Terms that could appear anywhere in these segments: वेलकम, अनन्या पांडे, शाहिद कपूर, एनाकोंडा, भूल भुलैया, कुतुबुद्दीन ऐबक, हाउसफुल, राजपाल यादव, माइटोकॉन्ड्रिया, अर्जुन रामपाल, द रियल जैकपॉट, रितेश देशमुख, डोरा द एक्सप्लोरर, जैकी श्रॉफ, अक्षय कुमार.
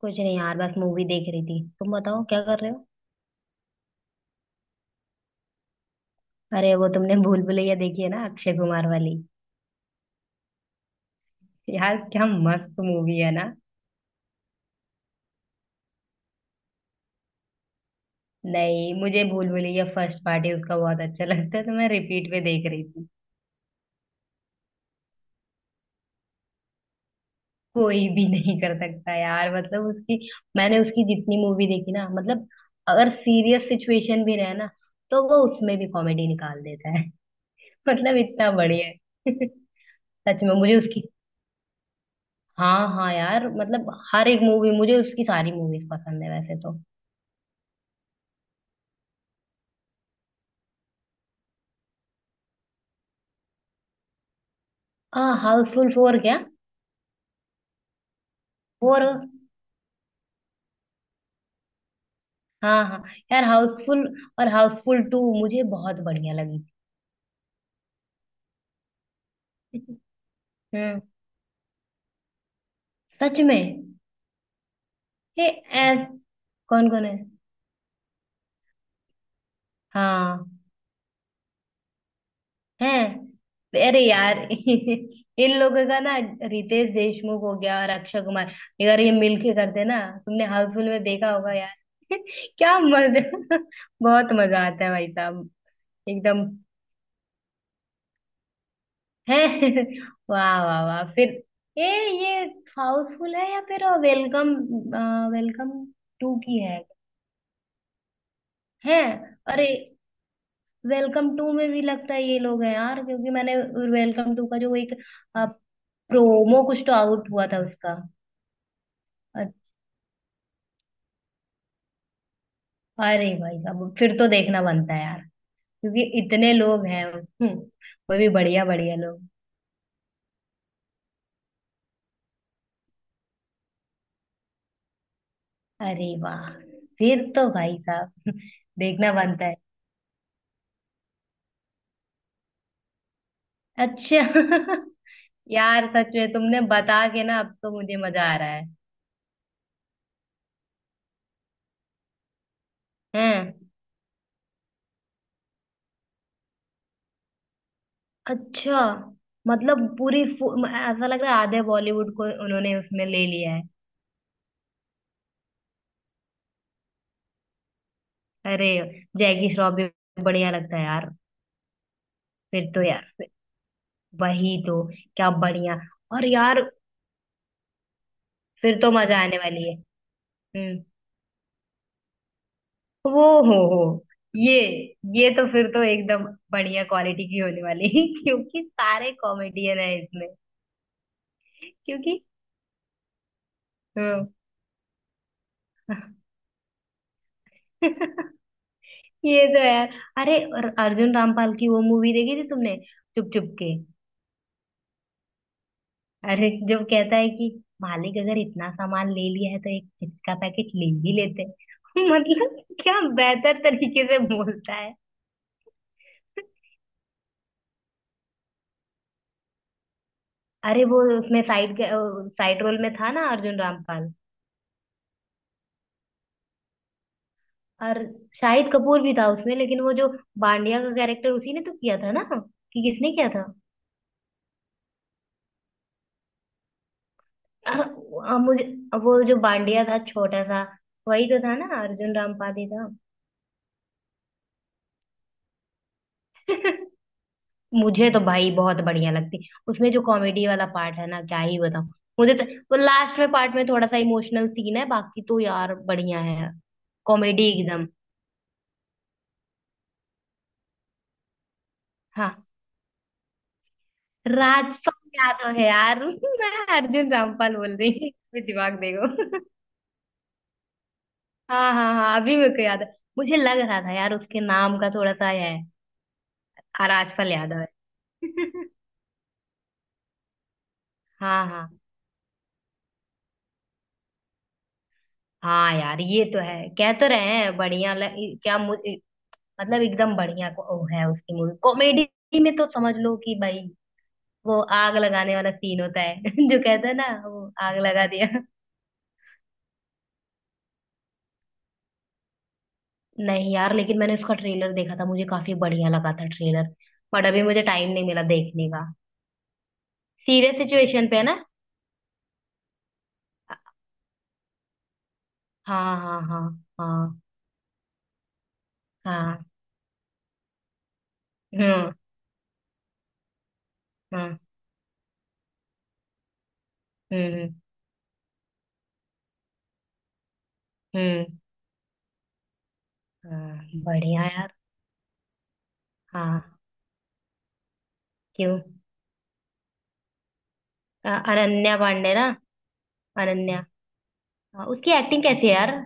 कुछ नहीं यार, बस मूवी देख रही थी। तुम बताओ क्या कर रहे हो। अरे वो तुमने भूल भुलैया देखी है ना, अक्षय कुमार वाली। यार क्या मस्त मूवी है ना। नहीं, मुझे भूल भुलैया फर्स्ट पार्ट ही उसका बहुत अच्छा लगता है, तो मैं रिपीट पे देख रही थी। कोई भी नहीं कर सकता यार, मतलब उसकी, मैंने उसकी जितनी मूवी देखी ना, मतलब अगर सीरियस सिचुएशन भी रहे ना, तो वो उसमें भी कॉमेडी निकाल देता है। मतलब इतना बढ़िया है। सच में मुझे उसकी, हाँ हाँ यार, मतलब हर एक मूवी, मुझे उसकी सारी मूवीज पसंद है वैसे तो। हाँ हाउसफुल 4 क्या। 4। हाँ हाँ। यार हाउसफुल। और हाउसफुल 2 मुझे बहुत बढ़िया लगी थी। हम्म। सच में। ये। ऐस। कौन कौन है। हाँ। है। अरे यार, इन लोगों का ना, रितेश देशमुख हो गया और अक्षय कुमार। यार ये मिलके करते ना, तुमने हाउसफुल में देखा होगा यार। क्या मजा बहुत मजा आता है भाई साहब। एकदम। है। वाह वाह वाह फिर। ये। ये हाउसफुल है या फिर वेलकम। वेलकम टू की है। है। अरे वेलकम 2 में भी लगता है ये लोग हैं यार, क्योंकि मैंने, वेलकम 2 का जो एक प्रोमो कुछ तो आउट हुआ था उसका। अ- अरे भाई, अब फिर तो देखना बनता है यार, क्योंकि इतने लोग हैं। वो भी बढ़िया बढ़िया लोग। अरे वाह। फिर तो भाई साहब देखना बनता है। अच्छा। यार सच में तुमने बता के ना, अब तो मुझे मजा आ रहा है। हैं। अच्छा। मतलब पूरी ऐसा लग रहा है आधे बॉलीवुड को उन्होंने उसमें ले लिया है। अरे जैकी श्रॉफ भी, बढ़िया लगता है यार। फिर तो यार वही तो। क्या बढ़िया। और यार। फिर तो मजा आने वाली है। हम्म। वो हो हो। ये। ये तो फिर तो एकदम बढ़िया क्वालिटी की होने वाली है, क्योंकि सारे कॉमेडियन है इसमें। क्योंकि। हम्म। ये तो है यार। अरे और अर्जुन रामपाल की वो मूवी देखी थी तुमने, चुप चुप के। अरे जब कहता है कि मालिक अगर इतना सामान ले लिया है, तो एक चिप्स का पैकेट ले ही लेते। मतलब क्या बेहतर तरीके से बोलता है। अरे वो उसमें साइड साइड रोल में था ना अर्जुन रामपाल। और शाहिद कपूर भी था उसमें, लेकिन वो जो बांडिया का कैरेक्टर उसी ने तो किया था ना, कि किसने किया था। और मुझे वो जो बांडिया था छोटा सा, वही तो था ना, अर्जुन रामपाल ही था। मुझे तो भाई बहुत बढ़िया लगती। उसमें जो कॉमेडी वाला पार्ट है ना, क्या ही बताऊं। मुझे तो वो लास्ट में पार्ट में थोड़ा सा इमोशनल सीन है, बाकी तो यार बढ़िया है। कॉमेडी एकदम। हाँ, राजपाल यादव है यार। मैं अर्जुन रामपाल बोल रही हूँ, दिमाग देखो। हाँ हाँ हाँ, अभी मेरे को याद है। मुझे लग रहा था यार उसके नाम का थोड़ा सा है। हाँ, राजपाल यादव है। हाँ हाँ हाँ यार, ये तो है, कह तो रहे हैं बढ़िया लग, क्या मतलब एकदम बढ़िया को ओ है उसकी मूवी, कॉमेडी में तो समझ लो कि भाई, वो आग लगाने वाला सीन होता है जो कहता है ना, वो आग लगा दिया। नहीं यार, लेकिन मैंने उसका ट्रेलर देखा था, मुझे काफी बढ़िया लगा था ट्रेलर। बट अभी मुझे टाइम नहीं मिला देखने का। सीरियस सिचुएशन पे है ना। हाँ हाँ हाँ। हाँ हाँ। हम्म। हम्म। हम्म। हम्म। हाँ, बढ़िया यार। हाँ। क्यों। अनन्या पांडे ना। अनन्या। हाँ, उसकी एक्टिंग कैसी है यार।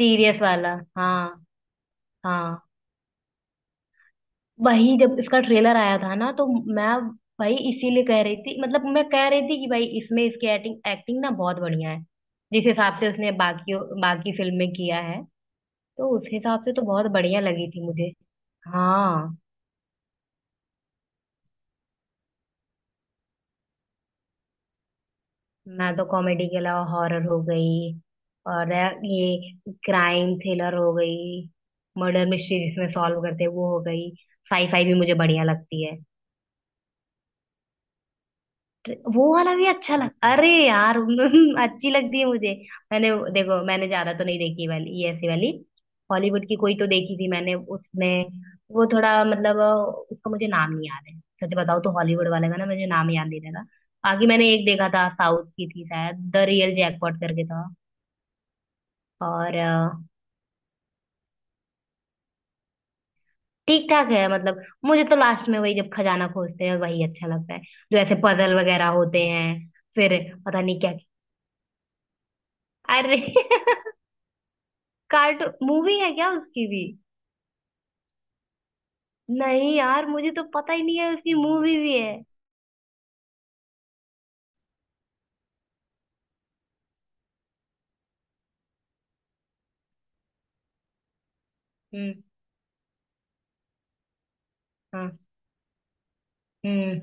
सीरियस वाला हाँ। हाँ, वही जब इसका ट्रेलर आया था ना, तो मैं, भाई इसीलिए कह रही थी, मतलब मैं कह रही थी कि भाई इसमें इसकी एक्टिंग एक्टिंग ना बहुत बढ़िया है, जिस हिसाब से उसने बाकी बाकी फिल्म में किया है, तो उस हिसाब से तो बहुत बढ़िया लगी थी मुझे। हाँ। मैं तो कॉमेडी के अलावा हॉरर हो गई, और ये क्राइम थ्रिलर हो गई, मर्डर मिस्ट्री जिसमें सॉल्व करते हैं वो हो गई, साईफाई भी मुझे बढ़िया लगती है। वो वाला भी अच्छा लग, अरे यार, अच्छी लगती है मुझे। मैंने देखो, मैंने ज्यादा तो नहीं देखी वाली ये ऐसी वाली, हॉलीवुड की कोई तो देखी थी मैंने उसमें, वो थोड़ा मतलब उसका मुझे नाम नहीं याद है। सच बताओ तो हॉलीवुड वाले का ना मुझे नाम याद नहीं रहा। बाकी मैंने एक देखा था, साउथ की थी शायद, द रियल जैकपॉट करके था। और ठीक ठाक है, मतलब मुझे तो लास्ट में वही जब खजाना खोजते हैं वही अच्छा लगता है, जो ऐसे पजल वगैरह होते हैं। फिर पता नहीं क्या। अरे, कार्टू मूवी है क्या उसकी भी। नहीं यार, मुझे तो पता ही नहीं है उसकी मूवी भी है। हम्म। हाँ। हम्म।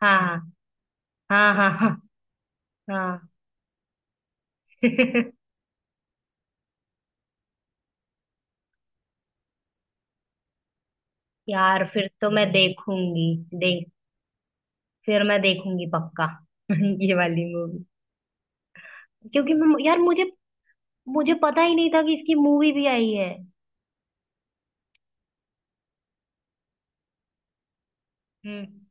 हाँ हाँ हाँ। हाँ। हाँ। यार फिर तो मैं देखूंगी। देख। फिर मैं देखूंगी पक्का। ये वाली मूवी। क्योंकि मैं यार मुझे मुझे पता ही नहीं था कि इसकी मूवी भी आई है। हम्म।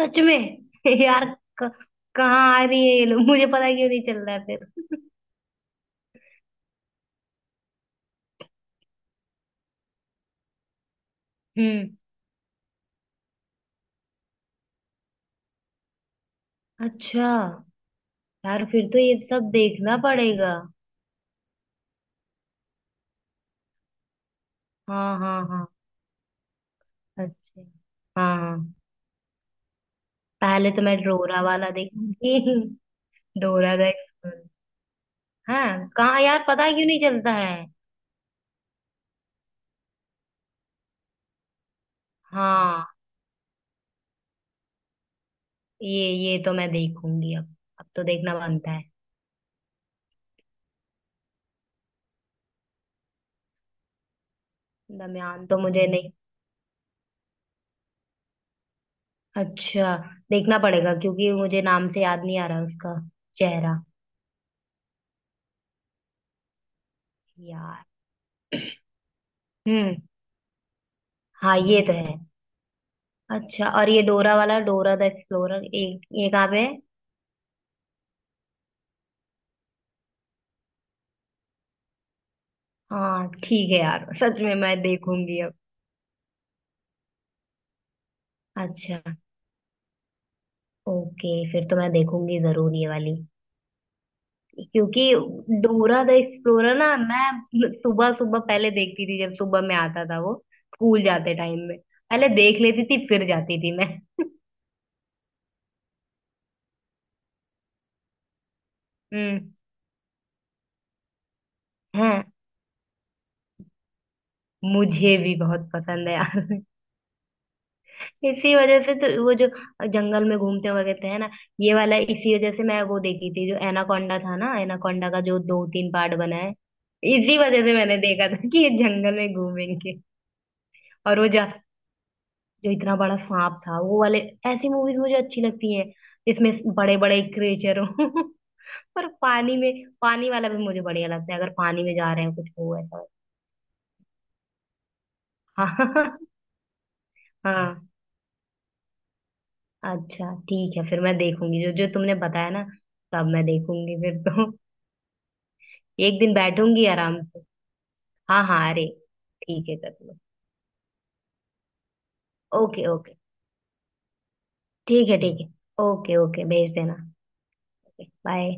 सच में। यार, क- कहाँ आ रही है ये लोग, मुझे पता क्यों नहीं चल रहा है फिर। हम्म। अच्छा। यार फिर तो ये सब देखना पड़ेगा। हाँ हाँ हाँ। अच्छा। हाँ। पहले तो मैं डोरा वाला देखूंगी। डोरा का एक्सप्लोर। हाँ, कहाँ यार पता है क्यों नहीं चलता है। हाँ ये तो मैं देखूंगी अब। अब तो देखना बनता है। दमयान तो मुझे नहीं। अच्छा। देखना पड़ेगा क्योंकि मुझे नाम से याद नहीं आ रहा उसका चेहरा। यार। हम्म। हाँ ये तो है। अच्छा, और ये डोरा वाला डोरा द एक्सप्लोरर एक ये कहाँ पे है। हाँ ठीक है यार, सच में मैं देखूंगी अब। अच्छा। ओके, फिर तो मैं देखूंगी जरूर ये वाली। क्योंकि डोरा द एक्सप्लोरर ना, मैं सुबह सुबह पहले देखती थी जब सुबह में आता था वो, स्कूल जाते टाइम में पहले देख लेती थी, फिर जाती थी मैं। हम्म। हाँ। मुझे भी बहुत पसंद है यार। इसी वजह से तो वो जो जंगल में घूमते वगैरह है ना, ये वाला इसी वजह से मैं वो देखी थी, जो एनाकोंडा था ना, एनाकोंडा का जो 2 3 पार्ट बना है। इसी वजह से मैंने देखा था कि ये जंगल में घूमेंगे। और वो जा जो इतना बड़ा सांप था वो वाले, ऐसी मूवीज मुझे अच्छी लगती हैं, जिसमें बड़े बड़े क्रिएचर हो। पर पानी में, पानी वाला भी मुझे बढ़िया लगता है, अगर पानी में जा रहे हैं कुछ हो ऐसा। हाँ। हाँ, अच्छा ठीक है, फिर मैं देखूंगी जो जो तुमने बताया ना, सब मैं देखूंगी फिर तो। एक दिन बैठूंगी आराम से। हाँ हाँ अरे, ठीक है कर लो। Okay okay. ठीक है ठीक है। ओके ओके, भेज देना। Okay bye.